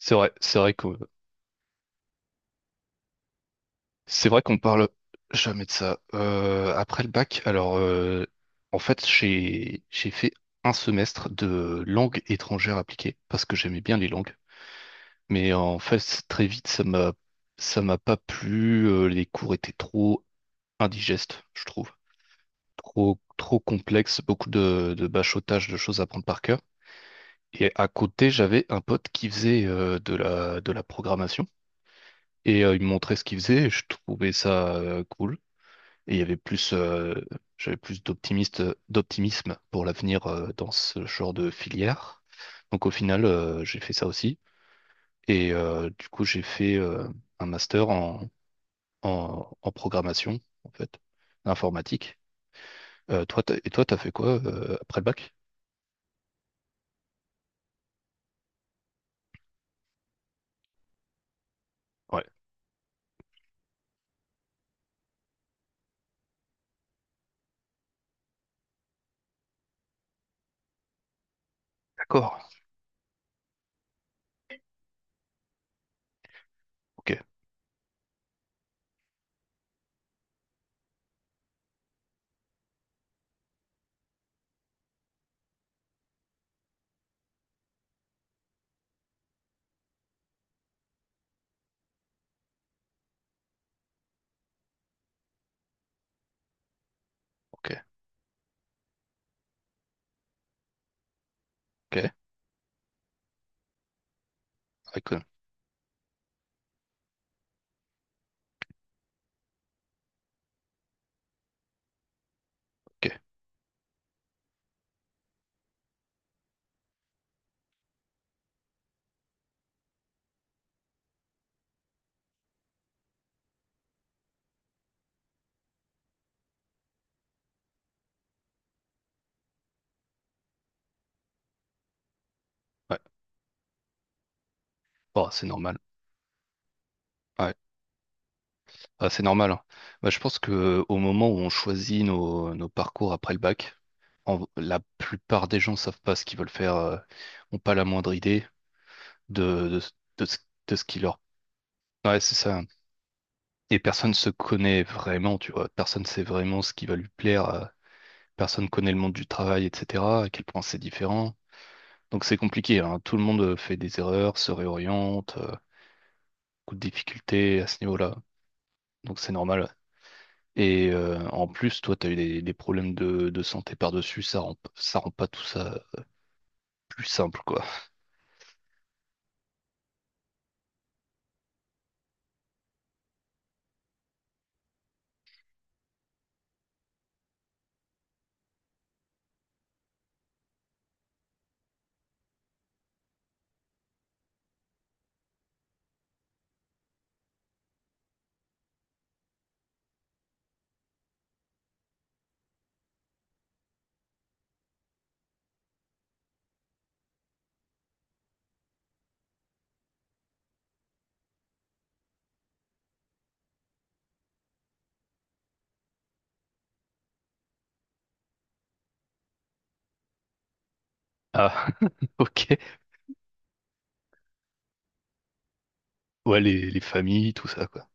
C'est vrai, c'est vrai que c'est vrai qu'on parle jamais de ça. Après le bac, alors en fait j'ai fait un semestre de langue étrangère appliquée parce que j'aimais bien les langues, mais en fait très vite ça m'a pas plu. Les cours étaient trop indigestes, je trouve, trop trop complexes, beaucoup de bachotage, de choses à prendre par cœur. Et à côté j'avais un pote qui faisait de la programmation. Et il me montrait ce qu'il faisait, et je trouvais ça cool. Et il y avait plus, j'avais plus d'optimisme pour l'avenir dans ce genre de filière. Donc au final, j'ai fait ça aussi. Et du coup, j'ai fait un master en programmation, en fait, informatique. Toi, et toi, t'as fait quoi après le bac? Ouais, d'accord. Ok, ok, ok, d'accord, ok. Ouais, bon, c'est normal. Ouais. Ah, c'est normal, hein. Bah, je pense que au moment où on choisit nos parcours après le bac, la plupart des gens savent pas ce qu'ils veulent faire, ont pas la moindre idée de, de, ce de ce- de ce qui leur. Ouais, c'est ça, hein. Et personne se connaît vraiment, tu vois. Personne sait vraiment ce qui va lui plaire. Personne connaît le monde du travail, etc. À quel point c'est différent. Donc c'est compliqué, hein. Tout le monde fait des erreurs, se réoriente, beaucoup de difficultés à ce niveau-là. Donc c'est normal. Et en plus, toi, t'as eu des problèmes de santé par-dessus, ça rend pas tout ça plus simple, quoi. Ah, ok. Ouais, les familles, tout ça, quoi.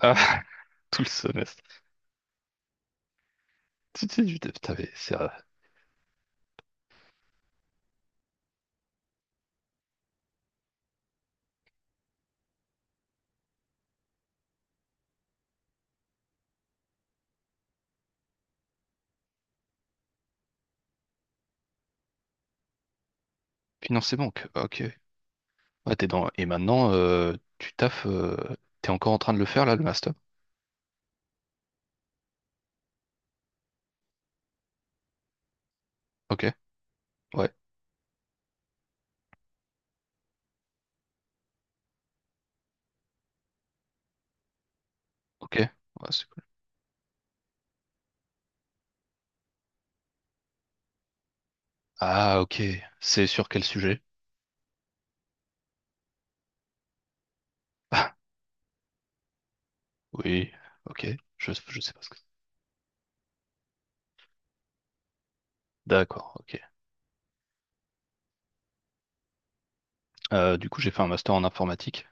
Ah, tout le semestre. Tu sais, putain, mais c'est financer banque. Ah, ok. Ouais, t'es dans. Et maintenant, tu taffes. T'es encore en train de le faire, là, le master? Ok. Ouais. Ok. Ouais, c'est cool. Ah, ok. C'est sur quel sujet? Ah, oui. Ok. Je sais pas ce que c'est. D'accord. Ok. Du coup, j'ai fait un master en informatique.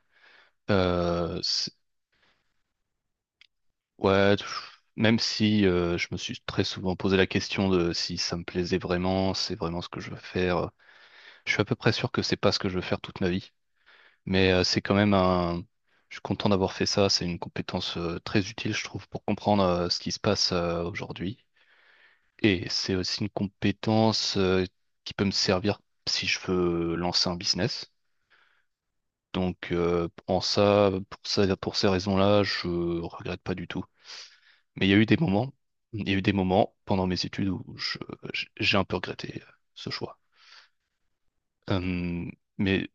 Euh, c'est- ouais, pff, même si je me suis très souvent posé la question de si ça me plaisait vraiment, c'est vraiment ce que je veux faire. Je suis à peu près sûr que c'est pas ce que je veux faire toute ma vie, mais c'est quand même un. Je suis content d'avoir fait ça. C'est une compétence très utile, je trouve, pour comprendre ce qui se passe aujourd'hui. Et c'est aussi une compétence qui peut me servir si je veux lancer un business. Donc, pour ça, pour ces raisons-là, je regrette pas du tout. Mais il y a eu des moments, il y a eu des moments pendant mes études j'ai un peu regretté ce choix. Euh, mais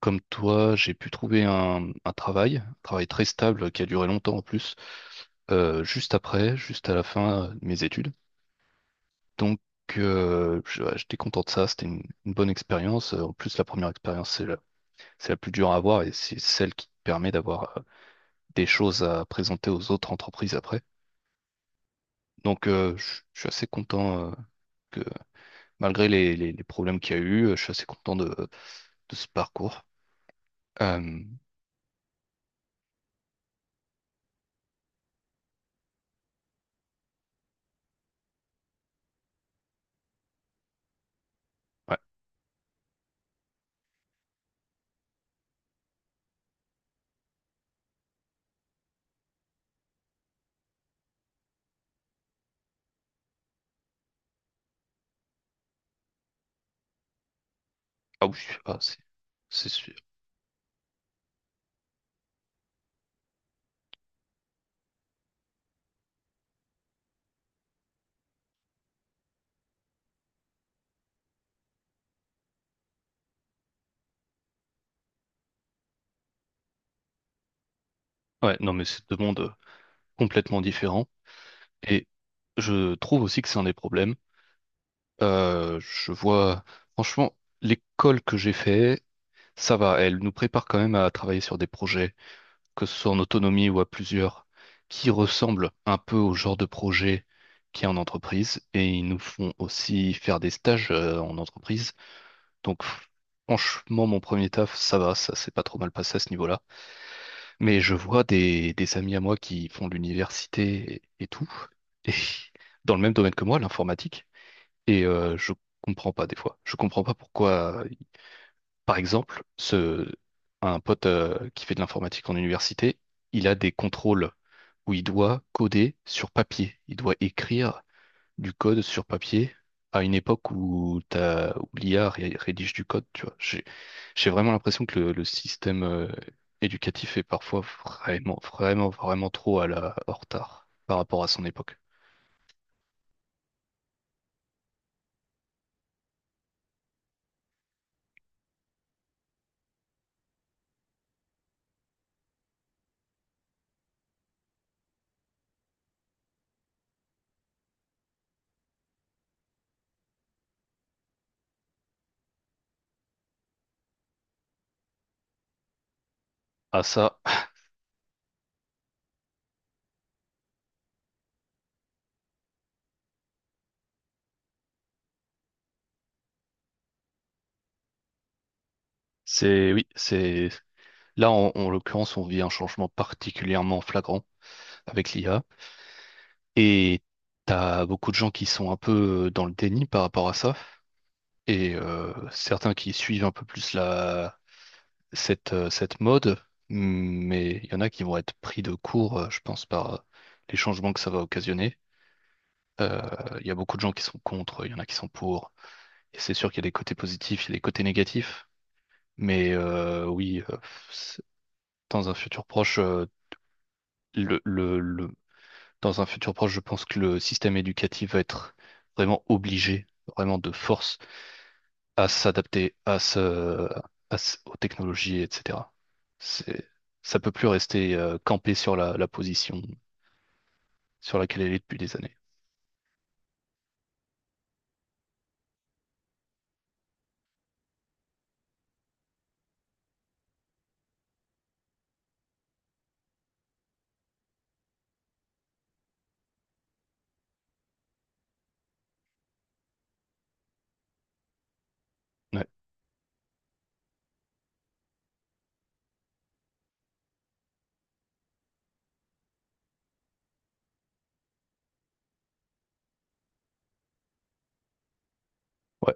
comme toi, j'ai pu trouver un travail très stable qui a duré longtemps en plus, juste à la fin de mes études. Donc, ouais, j'étais content de ça, c'était une bonne expérience. En plus, la première expérience, c'est la plus dure à avoir et c'est celle qui te permet d'avoir des choses à présenter aux autres entreprises après. Donc, je suis assez content. Malgré les problèmes qu'il y a eu, je suis assez content de ce parcours. Euh, ouais. Ah oui, ah, c'est sûr. Ouais, non, mais c'est deux mondes complètement différents. Et je trouve aussi que c'est un des problèmes. Je vois, franchement, l'école que j'ai fait, ça va, elle nous prépare quand même à travailler sur des projets, que ce soit en autonomie ou à plusieurs, qui ressemblent un peu au genre de projet qu'il y a en entreprise. Et ils nous font aussi faire des stages en entreprise. Donc, franchement, mon premier taf, ça va, ça s'est pas trop mal passé à ce niveau-là. Mais je vois des amis à moi qui font de l'université et tout, et dans le même domaine que moi, l'informatique. Et je comprends pas des fois. Je comprends pas pourquoi, par exemple, un pote qui fait de l'informatique en université, il a des contrôles où il doit coder sur papier. Il doit écrire du code sur papier à une époque où t'as, où l'IA ré- rédige du code, tu vois. J'ai vraiment l'impression que le système éducatif est parfois vraiment, vraiment, vraiment trop à la, en retard par rapport à son époque. Ah ça, oui, là, en l'occurrence, on vit un changement particulièrement flagrant avec l'IA et t'as beaucoup de gens qui sont un peu dans le déni par rapport à ça. Et certains qui suivent un peu plus cette, cette mode, mm, mais il y en a qui vont être pris de court, je pense, par les changements que ça va occasionner. Euh, Il y a beaucoup de gens qui sont contre, il y en a qui sont pour. Et c'est sûr qu'il y a des côtés positifs, il y a des côtés négatifs. Mais oui, c'est- dans un futur proche, le, le, le- dans un futur proche, je pense que le système éducatif va être vraiment obligé, vraiment de force à s'adapter à aux technologies, etc. C'est, Ça peut plus rester campé sur la position sur laquelle elle est depuis des années. Ouais, ouais,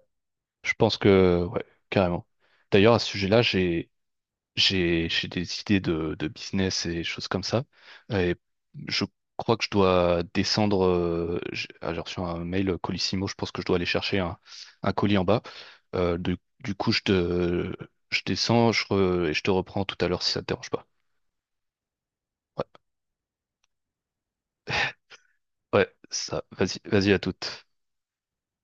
je pense que ouais, carrément. D'ailleurs, à ce sujet-là, j'ai des idées de business et choses comme ça. Et je crois que je dois descendre. J'ai reçu un mail Colissimo. Je pense que je dois aller chercher un colis en bas. Du coup, je descends, et je te reprends tout à l'heure si ça te dérange pas. Ouais, ouais, ça. Vas-y, vas-y à toute.